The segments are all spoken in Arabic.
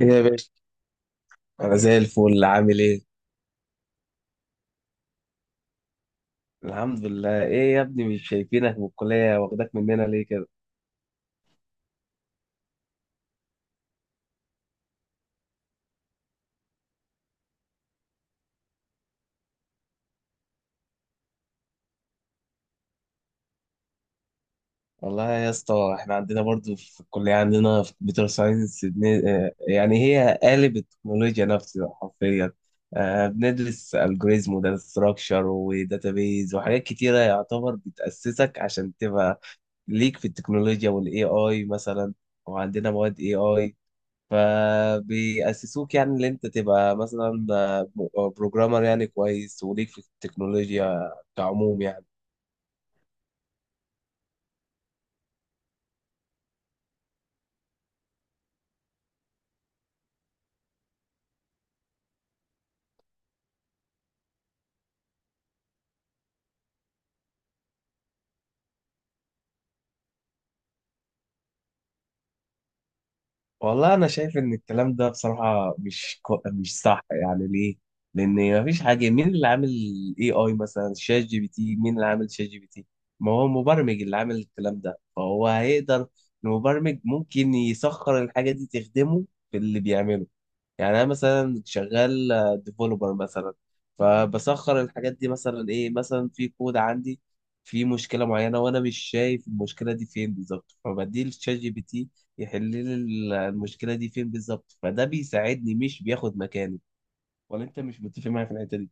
ايه يا باشا. انا زي الفل. عامل ايه؟ الحمد لله. ايه يا ابني، مش شايفينك من الكليه، واخداك مننا ليه كده؟ والله يا اسطى احنا عندنا برضو في الكليه، عندنا في كمبيوتر ساينس يعني هي قالب التكنولوجيا نفسها حرفيا. بندرس الجوريزم وداتا ستراكشر وداتابيز وحاجات كتيره، يعتبر بتاسسك عشان تبقى ليك في التكنولوجيا والاي اي مثلا. وعندنا مواد اي اي، فبيأسسوك يعني ان انت تبقى مثلا بروجرامر يعني كويس وليك في التكنولوجيا كعموم يعني. والله انا شايف ان الكلام ده بصراحة مش صح يعني. ليه؟ لان مفيش حاجة. مين اللي عامل اي اي مثلا؟ شات جي بي تي، مين اللي عامل شات جي بي تي؟ ما هو المبرمج اللي عامل الكلام ده، فهو هيقدر. المبرمج ممكن يسخر الحاجة دي تخدمه في اللي بيعمله. يعني انا مثلا شغال ديفلوبر مثلا، فبسخر الحاجات دي. مثلا ايه؟ مثلا في كود عندي في مشكله معينه وانا مش شايف المشكله دي فين بالظبط، فبدي للشات جي بي تي يحل لي المشكله دي فين بالظبط. فده بيساعدني، مش بياخد مكاني. ولا انت مش متفق معايا في الحته دي؟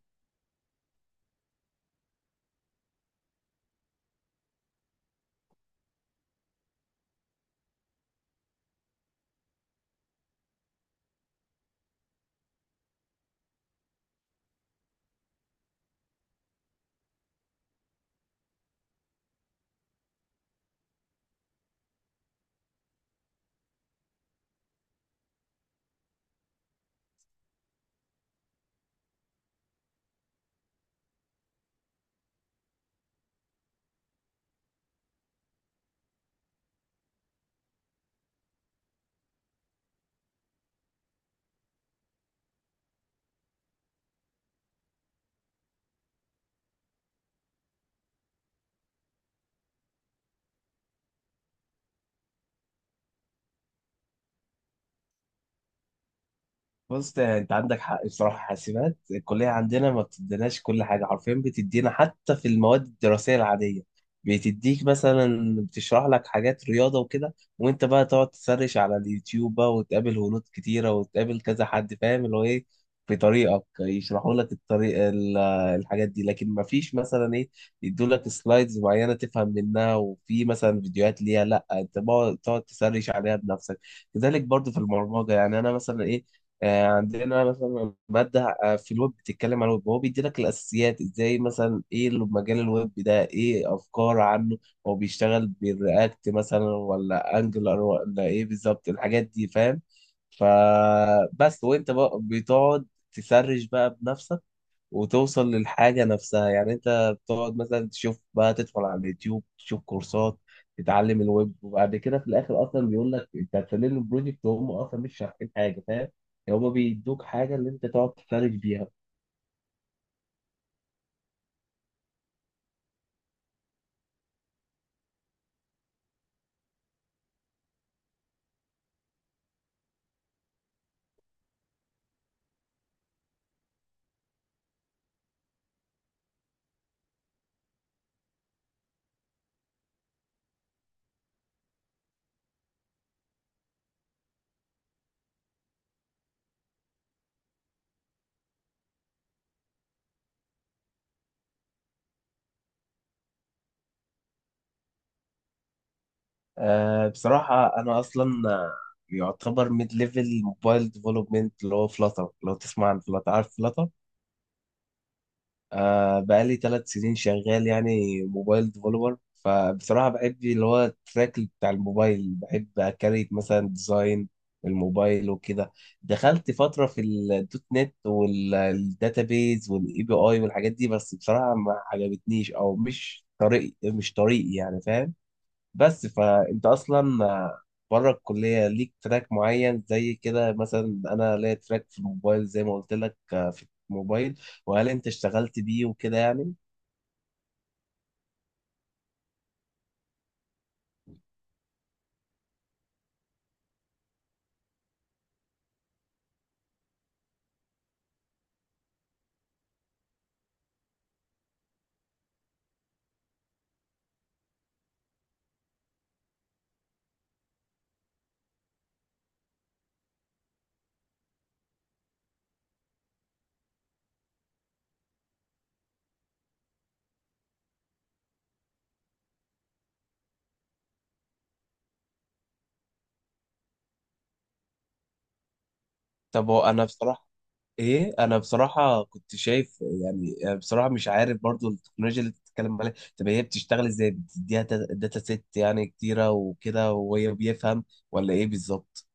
بص، يعني انت عندك حق بصراحه. حاسبات الكليه عندنا ما بتديناش كل حاجه حرفيا. بتدينا حتى في المواد الدراسيه العاديه بتديك مثلا، بتشرح لك حاجات رياضه وكده، وانت بقى تقعد تسرش على اليوتيوب بقى، وتقابل هنود كتيره وتقابل كذا حد فاهم اللي هو ايه في طريقك، يشرحوا لك الطريق الحاجات دي. لكن ما فيش مثلا ايه، يدوا لك سلايدز معينه تفهم منها وفي مثلا فيديوهات ليها، لا انت بقى تقعد تسرش عليها بنفسك. كذلك برضو في البرمجه. يعني انا مثلا ايه، عندنا مثلا مادة في الويب بتتكلم عن الويب. هو بيدي لك الأساسيات، إزاي مثلا، إيه اللي مجال الويب ده، إيه أفكار عنه، هو بيشتغل بالرياكت مثلا ولا أنجلر، ولا إيه بالظبط الحاجات دي فاهم. فبس وأنت بقى بتقعد تسرش بقى بنفسك، وتوصل للحاجة نفسها. يعني انت بتقعد مثلا تشوف بقى، تدخل على اليوتيوب تشوف كورسات تتعلم الويب، وبعد كده في الاخر اصلا بيقول لك انت هتسلم البروجكت، وهم اصلا مش شارحين حاجة فاهم. يعني هم بيدوك حاجة اللي انت تقعد تفرج بيها. آه بصراحة انا اصلا يعتبر ميد ليفل موبايل ديفلوبمنت، اللي هو فلاتر. لو تسمع عن فلاتر، عارف فلاتر؟ آه، بقالي 3 سنين شغال يعني موبايل ديفلوبر. فبصراحة بحب اللي هو التراك بتاع الموبايل، بحب أكريت مثلا ديزاين الموبايل وكده. دخلت فترة في الدوت نت والداتابيز والاي بي اي والحاجات دي، بس بصراحة ما عجبتنيش او مش طريقي، مش طريقي يعني فاهم. بس فانت اصلا بره الكليه ليك تراك معين زي كده. مثلا انا ليا تراك في الموبايل زي ما قلت لك، في الموبايل. وهل انت اشتغلت بيه وكده يعني؟ طب هو انا بصراحه ايه، انا بصراحه كنت شايف يعني بصراحه مش عارف برضو التكنولوجيا اللي بتتكلم عليها. طب هي بتشتغل ازاي؟ بتديها داتا سيت يعني كتيره وكده، وهي بيفهم ولا ايه بالظبط؟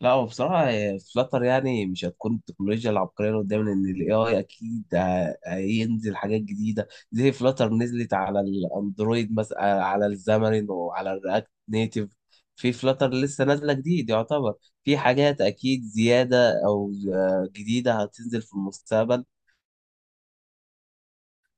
لا، هو بصراحة فلاتر يعني مش هتكون التكنولوجيا العبقرية اللي قدام، لأن ال AI أكيد هينزل حاجات جديدة. زي فلاتر نزلت على الأندرويد مثلا، على الزامرين وعلى الرياكت نيتيف. في فلاتر لسه نازلة جديد يعتبر. في حاجات أكيد زيادة أو جديدة هتنزل في المستقبل.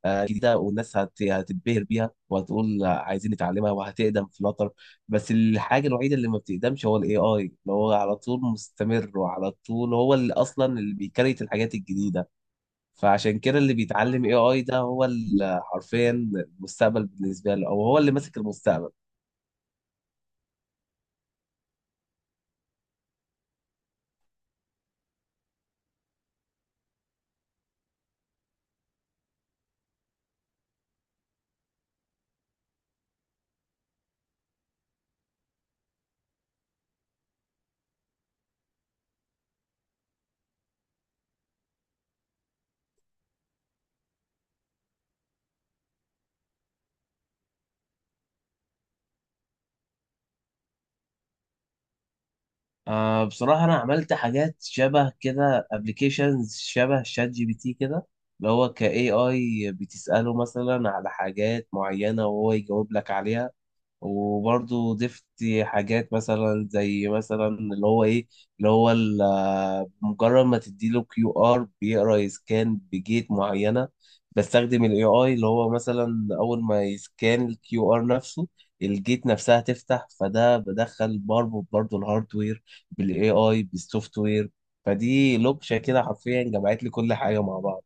جديده، والناس هتتبهر بيها وهتقول عايزين نتعلمها، وهتقدم فلاتر. بس الحاجه الوحيده اللي ما بتقدمش هو الاي اي، اللي هو على طول مستمر، وعلى طول هو اللي اصلا اللي بيكريت الحاجات الجديده. فعشان كده اللي بيتعلم اي اي ده هو حرفيا المستقبل بالنسبه له، او هو اللي ماسك المستقبل. آه بصراحه انا عملت حاجات شبه كده. ابلكيشنز شبه شات جي بي تي كده، اللي هو كاي اي بتساله مثلا على حاجات معينه وهو يجاوب لك عليها. وبرضه ضفت حاجات مثلا، زي مثلا اللي هو ايه، اللي هو مجرد ما تديله كيو ار بيقرا يسكان بجيت معينه. بستخدم الاي اي اللي هو مثلا اول ما يسكان الكيو ار نفسه الجيت نفسها تفتح. فده بدخل بربط برضه الهاردوير بالاي اي بالسوفت وير. فدي لوكشه كده حرفيا جمعت لي كل حاجه مع بعض.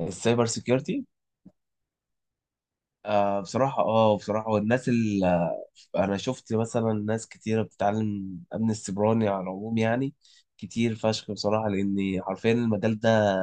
السايبر سيكيورتي. آه بصراحة، اه بصراحة والناس اللي انا شفت مثلا، ناس كتيرة بتتعلم امن السيبراني على العموم، يعني كتير فشخ بصراحة، لان حرفيا المجال ده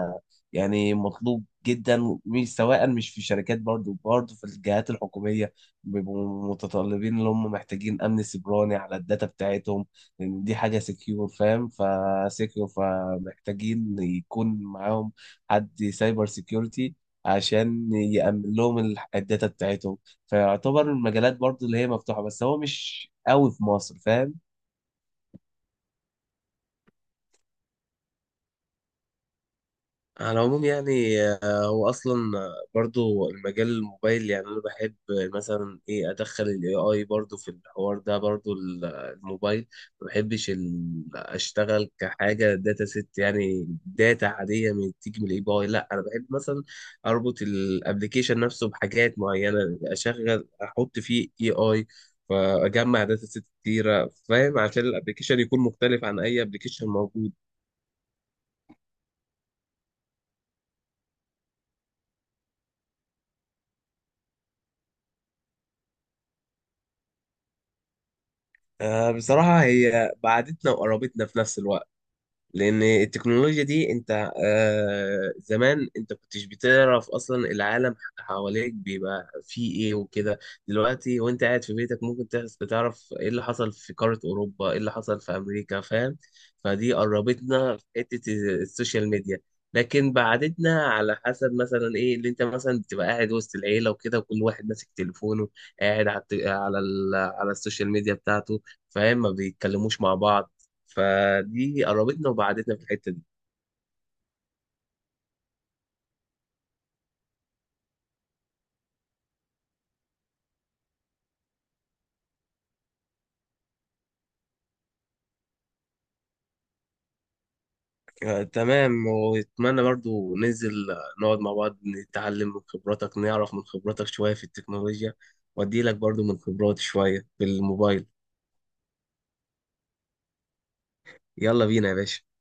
يعني مطلوب جدا. مش سواء، مش في الشركات، برضو برضو في الجهات الحكومية بيبقوا متطلبين، اللي هم محتاجين امن سيبراني على الداتا بتاعتهم، لان دي حاجة سكيور فاهم، فسكيور، فمحتاجين يكون معاهم حد سايبر سيكيورتي عشان يأمن لهم الداتا بتاعتهم. فيعتبر المجالات برضو اللي هي مفتوحة، بس هو مش قوي في مصر فاهم. على العموم يعني هو اصلا برضو المجال الموبايل. يعني انا بحب مثلا ايه، ادخل الاي اي برضو في الحوار ده، برضو الموبايل ما بحبش اشتغل كحاجه داتا ست، يعني داتا عاديه من تيجي من الاي اي، لا انا بحب مثلا اربط الابلكيشن نفسه بحاجات معينه، اشغل احط فيه اي اي، فاجمع داتا ست كتيره فاهم، عشان الابلكيشن يكون مختلف عن اي ابلكيشن موجود. آه، بصراحة هي بعدتنا وقربتنا في نفس الوقت. لان التكنولوجيا دي، انت آه زمان انت كنتش بتعرف اصلا العالم حواليك بيبقى فيه ايه وكده. دلوقتي وانت قاعد في بيتك، ممكن تعرف ايه اللي حصل في قارة اوروبا، ايه اللي حصل في امريكا فاهم. فدي قربتنا في حتة السوشيال ميديا. لكن بعدتنا على حسب مثلا ايه، اللي انت مثلا بتبقى قاعد وسط العيلة وكده، وكل واحد ماسك تليفونه، قاعد على على السوشيال ميديا بتاعته فاهم، ما بيتكلموش مع بعض. فدي قربتنا وبعدتنا في الحتة دي. آه، تمام. واتمنى برضو ننزل نقعد مع بعض، نتعلم من خبراتك، نعرف من خبراتك شوية في التكنولوجيا، وادي لك برضو من خبراتي شوية في الموبايل. يلا بينا يا باشا.